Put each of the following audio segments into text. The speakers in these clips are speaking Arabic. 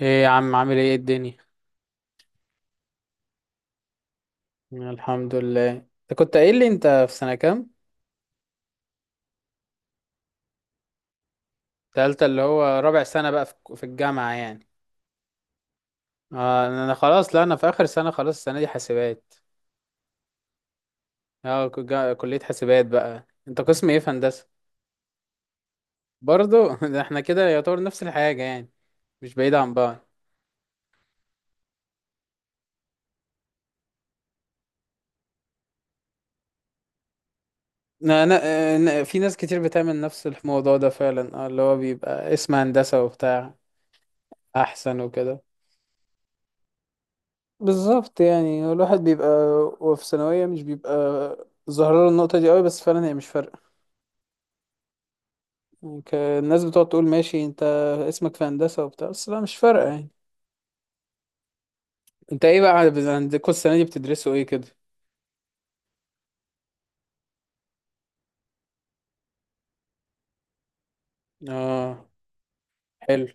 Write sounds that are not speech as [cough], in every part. ايه يا عم عامل ايه إيه الدنيا. الحمد لله، انت كنت قايل لي انت في سنة كام؟ تالتة اللي هو رابع سنة بقى في الجامعة يعني. اه انا خلاص، لا انا في اخر سنة خلاص، السنة دي حاسبات. اه كلية حاسبات بقى، انت قسم ايه في هندسة؟ برضو [laughs] ده احنا كده يعتبر نفس الحاجة يعني، مش بعيد عن بعض. في ناس كتير بتعمل نفس الموضوع ده فعلا، اه اللي هو بيبقى اسم هندسة وبتاع احسن وكده. بالظبط، يعني الواحد بيبقى وهو في ثانوية مش بيبقى ظاهر له النقطة دي قوي، بس فعلا هي مش فارقة يعني. الناس بتقعد تقول ماشي انت اسمك في هندسة وبتاع، بس لا مش فارقة يعني. انت ايه بقى عندكم السنة دي بتدرسوا ايه كده؟ اه، حلو.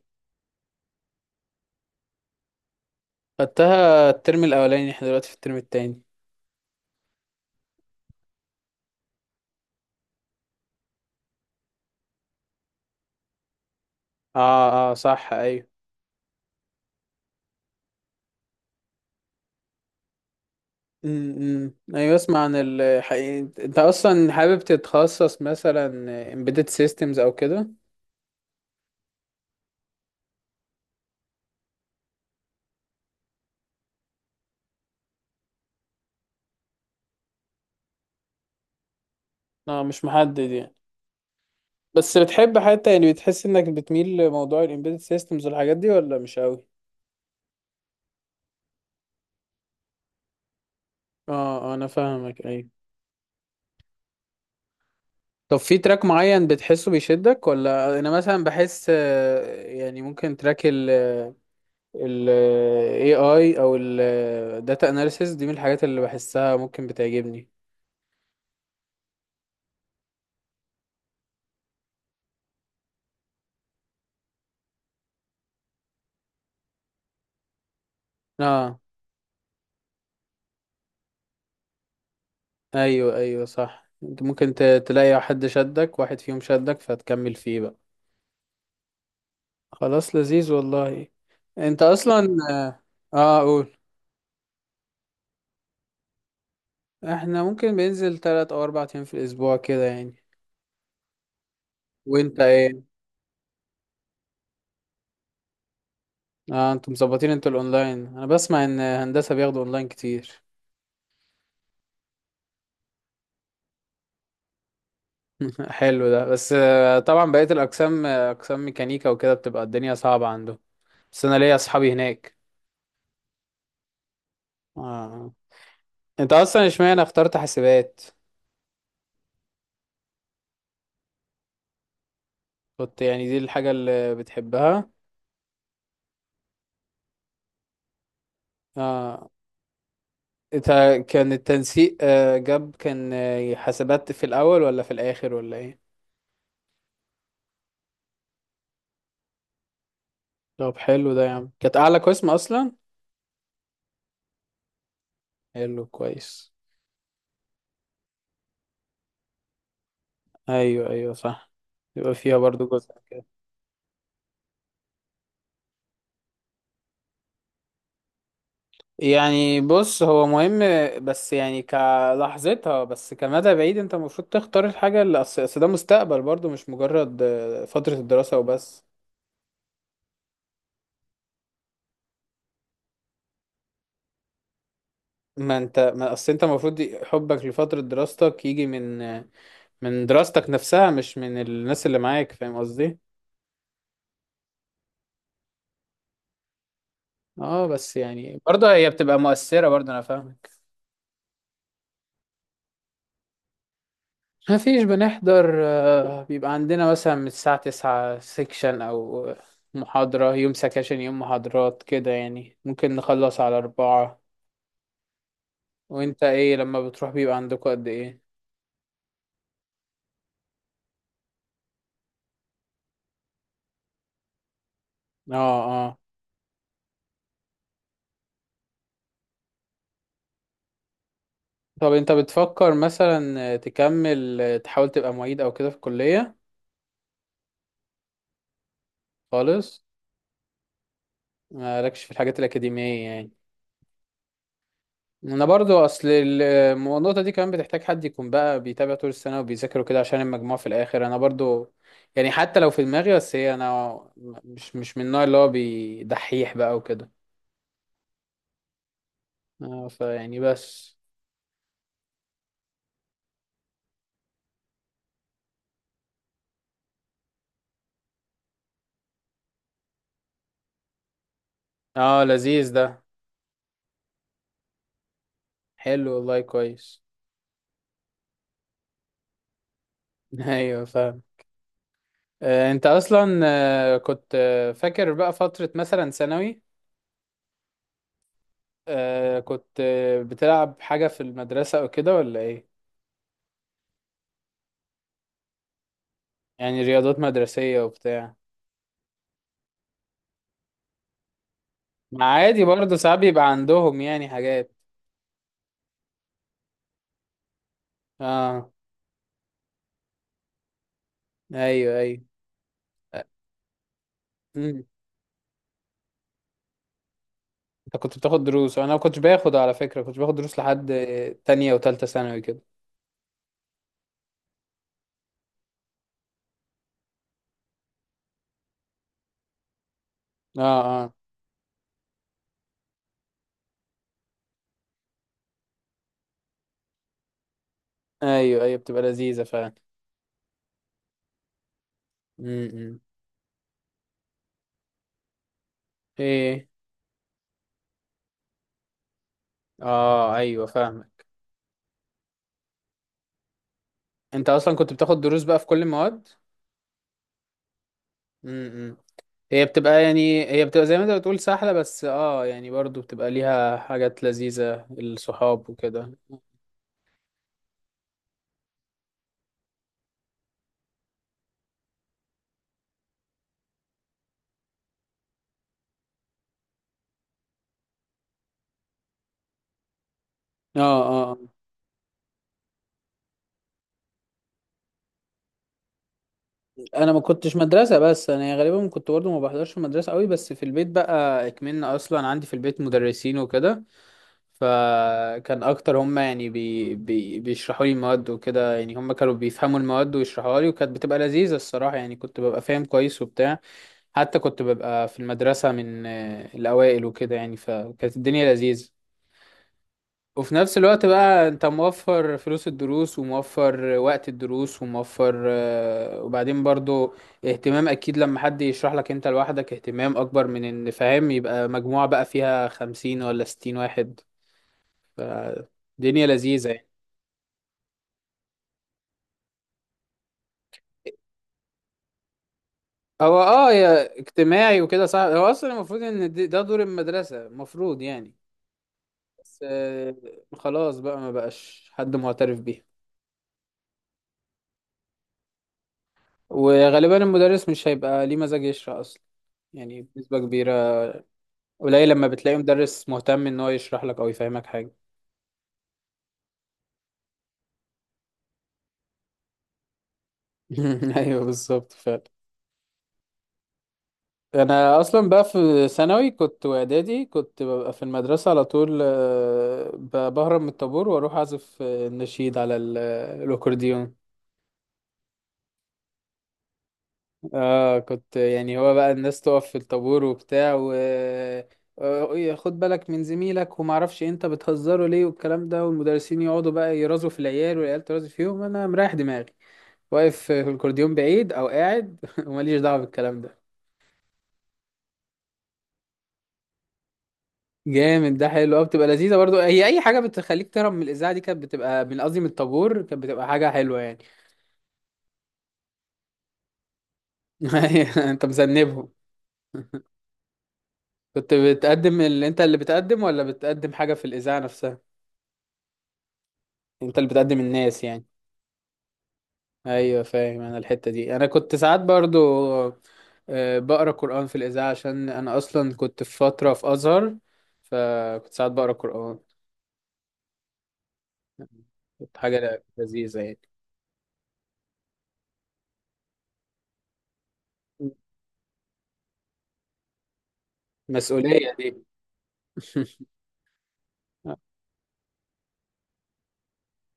خدتها الترم الأولاني، احنا دلوقتي في الترم التاني. اه اه صح، ايوه. ايوه، اسمع عن الحقيقة انت اصلا حابب تتخصص مثلا embedded systems او كده؟ اه مش محدد يعني. بس بتحب حتى يعني بتحس انك بتميل لموضوع الامبيدد سيستمز والحاجات دي ولا مش قوي؟ اه، انا فاهمك، ايوه. طب في تراك معين بتحسه بيشدك؟ ولا انا مثلا بحس يعني ممكن تراك ال AI او ال data analysis دي من الحاجات اللي بحسها ممكن بتعجبني. اه ايوه ايوه صح، انت ممكن تلاقي حد شدك، واحد فيهم شدك فتكمل فيه بقى. خلاص، لذيذ والله. انت اصلا اه، قول. احنا ممكن بننزل تلات او اربع ايام في الاسبوع كده يعني. وانت ايه؟ اه انتوا مظبطين، انتوا الاونلاين، انا بسمع ان هندسة بياخدوا اونلاين كتير. [laughs] حلو ده، بس طبعا بقية الاقسام، اقسام ميكانيكا وكده بتبقى الدنيا صعبة عندهم، بس انا ليا اصحابي هناك. اه انت اصلا اشمعنى اخترت حاسبات؟ كنت يعني دي الحاجة اللي بتحبها؟ اه انت كان التنسيق، جاب كان حاسبات في الاول ولا في الاخر ولا ايه؟ طب حلو ده يا عم، كانت اعلى قسم اصلا. حلو كويس. ايوه ايوه صح، يبقى فيها برضو جزء كده. يعني بص هو مهم، بس يعني كلحظتها، بس كمدى بعيد انت المفروض تختار الحاجة اللي اصل، أصل ده مستقبل برضو، مش مجرد فترة الدراسة وبس. ما انت، ما اصل انت المفروض حبك لفترة دراستك يجي من من دراستك نفسها، مش من الناس اللي معاك، فاهم قصدي؟ اه بس يعني برضه هي بتبقى مؤثرة، برضه انا فاهمك. ما فيش، بنحضر بيبقى عندنا مثلا من الساعة تسعة سيكشن أو محاضرة، يوم سكاشن يوم محاضرات كده يعني، ممكن نخلص على أربعة. وأنت إيه لما بتروح بيبقى عندكوا قد إيه؟ آه. آه. طب أنت بتفكر مثلا تكمل، تحاول تبقى معيد أو كده في الكلية؟ خالص، مالكش في الحاجات الأكاديمية يعني. انا برضو اصل النقطه دي كمان بتحتاج حد يكون بقى بيتابع طول السنه وبيذاكر وكده عشان المجموع في الاخر، انا برضو يعني حتى لو في دماغي بس، هي انا مش من النوع اللي هو بيدحيح بقى وكده. اه فيعني بس. اه لذيذ ده، حلو والله كويس. [laughs] ايوه فاهم. آه انت اصلا آه كنت فاكر بقى فتره مثلا ثانوي، آه كنت بتلعب حاجه في المدرسه او كده ولا ايه؟ يعني رياضات مدرسيه وبتاع. ما عادي برضه، ساعات بيبقى عندهم يعني حاجات. اه ايوه ايوه. امم. انت كنت بتاخد دروس؟ انا ما كنتش باخد على فكره، كنت باخد دروس لحد تانية وتالتة ثانوي كده. اه اه ايوه ايوه، بتبقى لذيذه فعلا. امم. ايه؟ اه ايوه فاهمك. انت اصلا كنت بتاخد دروس بقى في كل المواد؟ امم، هي بتبقى يعني، هي بتبقى زي ما انت بتقول سهله، بس اه يعني برضه بتبقى ليها حاجات لذيذه، الصحاب وكده، اه. اه. آه. انا ما كنتش مدرسه، بس انا غالبا كنت برضو ما بحضرش في المدرسه قوي، بس في البيت بقى اكملنا، اصلا عندي في البيت مدرسين وكده، فكان اكتر هم يعني بي بي بيشرحوا لي المواد وكده، يعني هم كانوا بيفهموا المواد ويشرحوها لي، وكانت بتبقى لذيذه الصراحه يعني، كنت ببقى فاهم كويس وبتاع. حتى كنت ببقى في المدرسه من الاوائل وكده، يعني فكانت الدنيا لذيذه. وفي نفس الوقت بقى انت موفر فلوس الدروس وموفر وقت الدروس وموفر وبعدين برضو اهتمام، اكيد لما حد يشرح لك انت لوحدك اهتمام اكبر من ان فاهم يبقى مجموعة بقى فيها خمسين ولا ستين واحد، فالدنيا لذيذة يعني. هو اه يا اجتماعي وكده، صح، هو اصلا المفروض ان ده دور المدرسة المفروض يعني. بس خلاص بقى ما بقاش حد معترف بيه. وغالبا المدرس مش هيبقى ليه مزاج يشرح اصلا، يعني بنسبة كبيرة. قليل لما بتلاقي مدرس مهتم ان هو يشرح لك او يفهمك حاجه. [laughs] ايوه بالظبط فعلا. انا اصلا بقى في ثانوي كنت واعدادي كنت ببقى في المدرسه على طول، بهرب من الطابور واروح اعزف، النشيد على الاكورديون. اه كنت يعني، هو بقى الناس تقف في الطابور وبتاع، و إيه، خد بالك من زميلك وما اعرفش إيه، انت بتهزره ليه والكلام ده، والمدرسين يقعدوا بقى يرازوا في العيال والعيال ترازي فيهم، انا مريح دماغي واقف في الكورديون بعيد او قاعد [laughs] وماليش دعوه بالكلام ده. جامد ده، حلو قوي، بتبقى لذيذه برضو، هي اي حاجه بتخليك تهرب من الاذاعه دي كانت بتبقى، من قصدي من الطابور، كانت بتبقى حاجه حلوه يعني. [laughs] انت مذنبهم. كنت بتقدم، اللي انت اللي بتقدم ولا بتقدم حاجه في الاذاعه نفسها؟ انت اللي بتقدم الناس يعني. ايوه فاهم. انا الحته دي انا كنت ساعات برضو بقرا قران في الاذاعه، عشان انا اصلا كنت في فتره في ازهر، فكنت ساعات بقرا قران. كانت حاجه لذيذه يعني. مسؤولية دي. [laughs]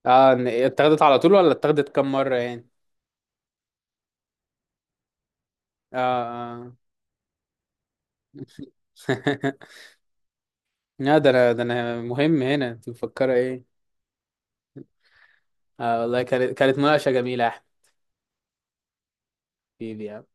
اه اتاخدت على طول ولا اتاخدت كم مرة يعني؟ اه. اه. [laughs] لا ده انا، ده انا مهم هنا، انت مفكرة ايه؟ اه والله كانت، كانت مناقشة جميلة يا احمد. حبيبي.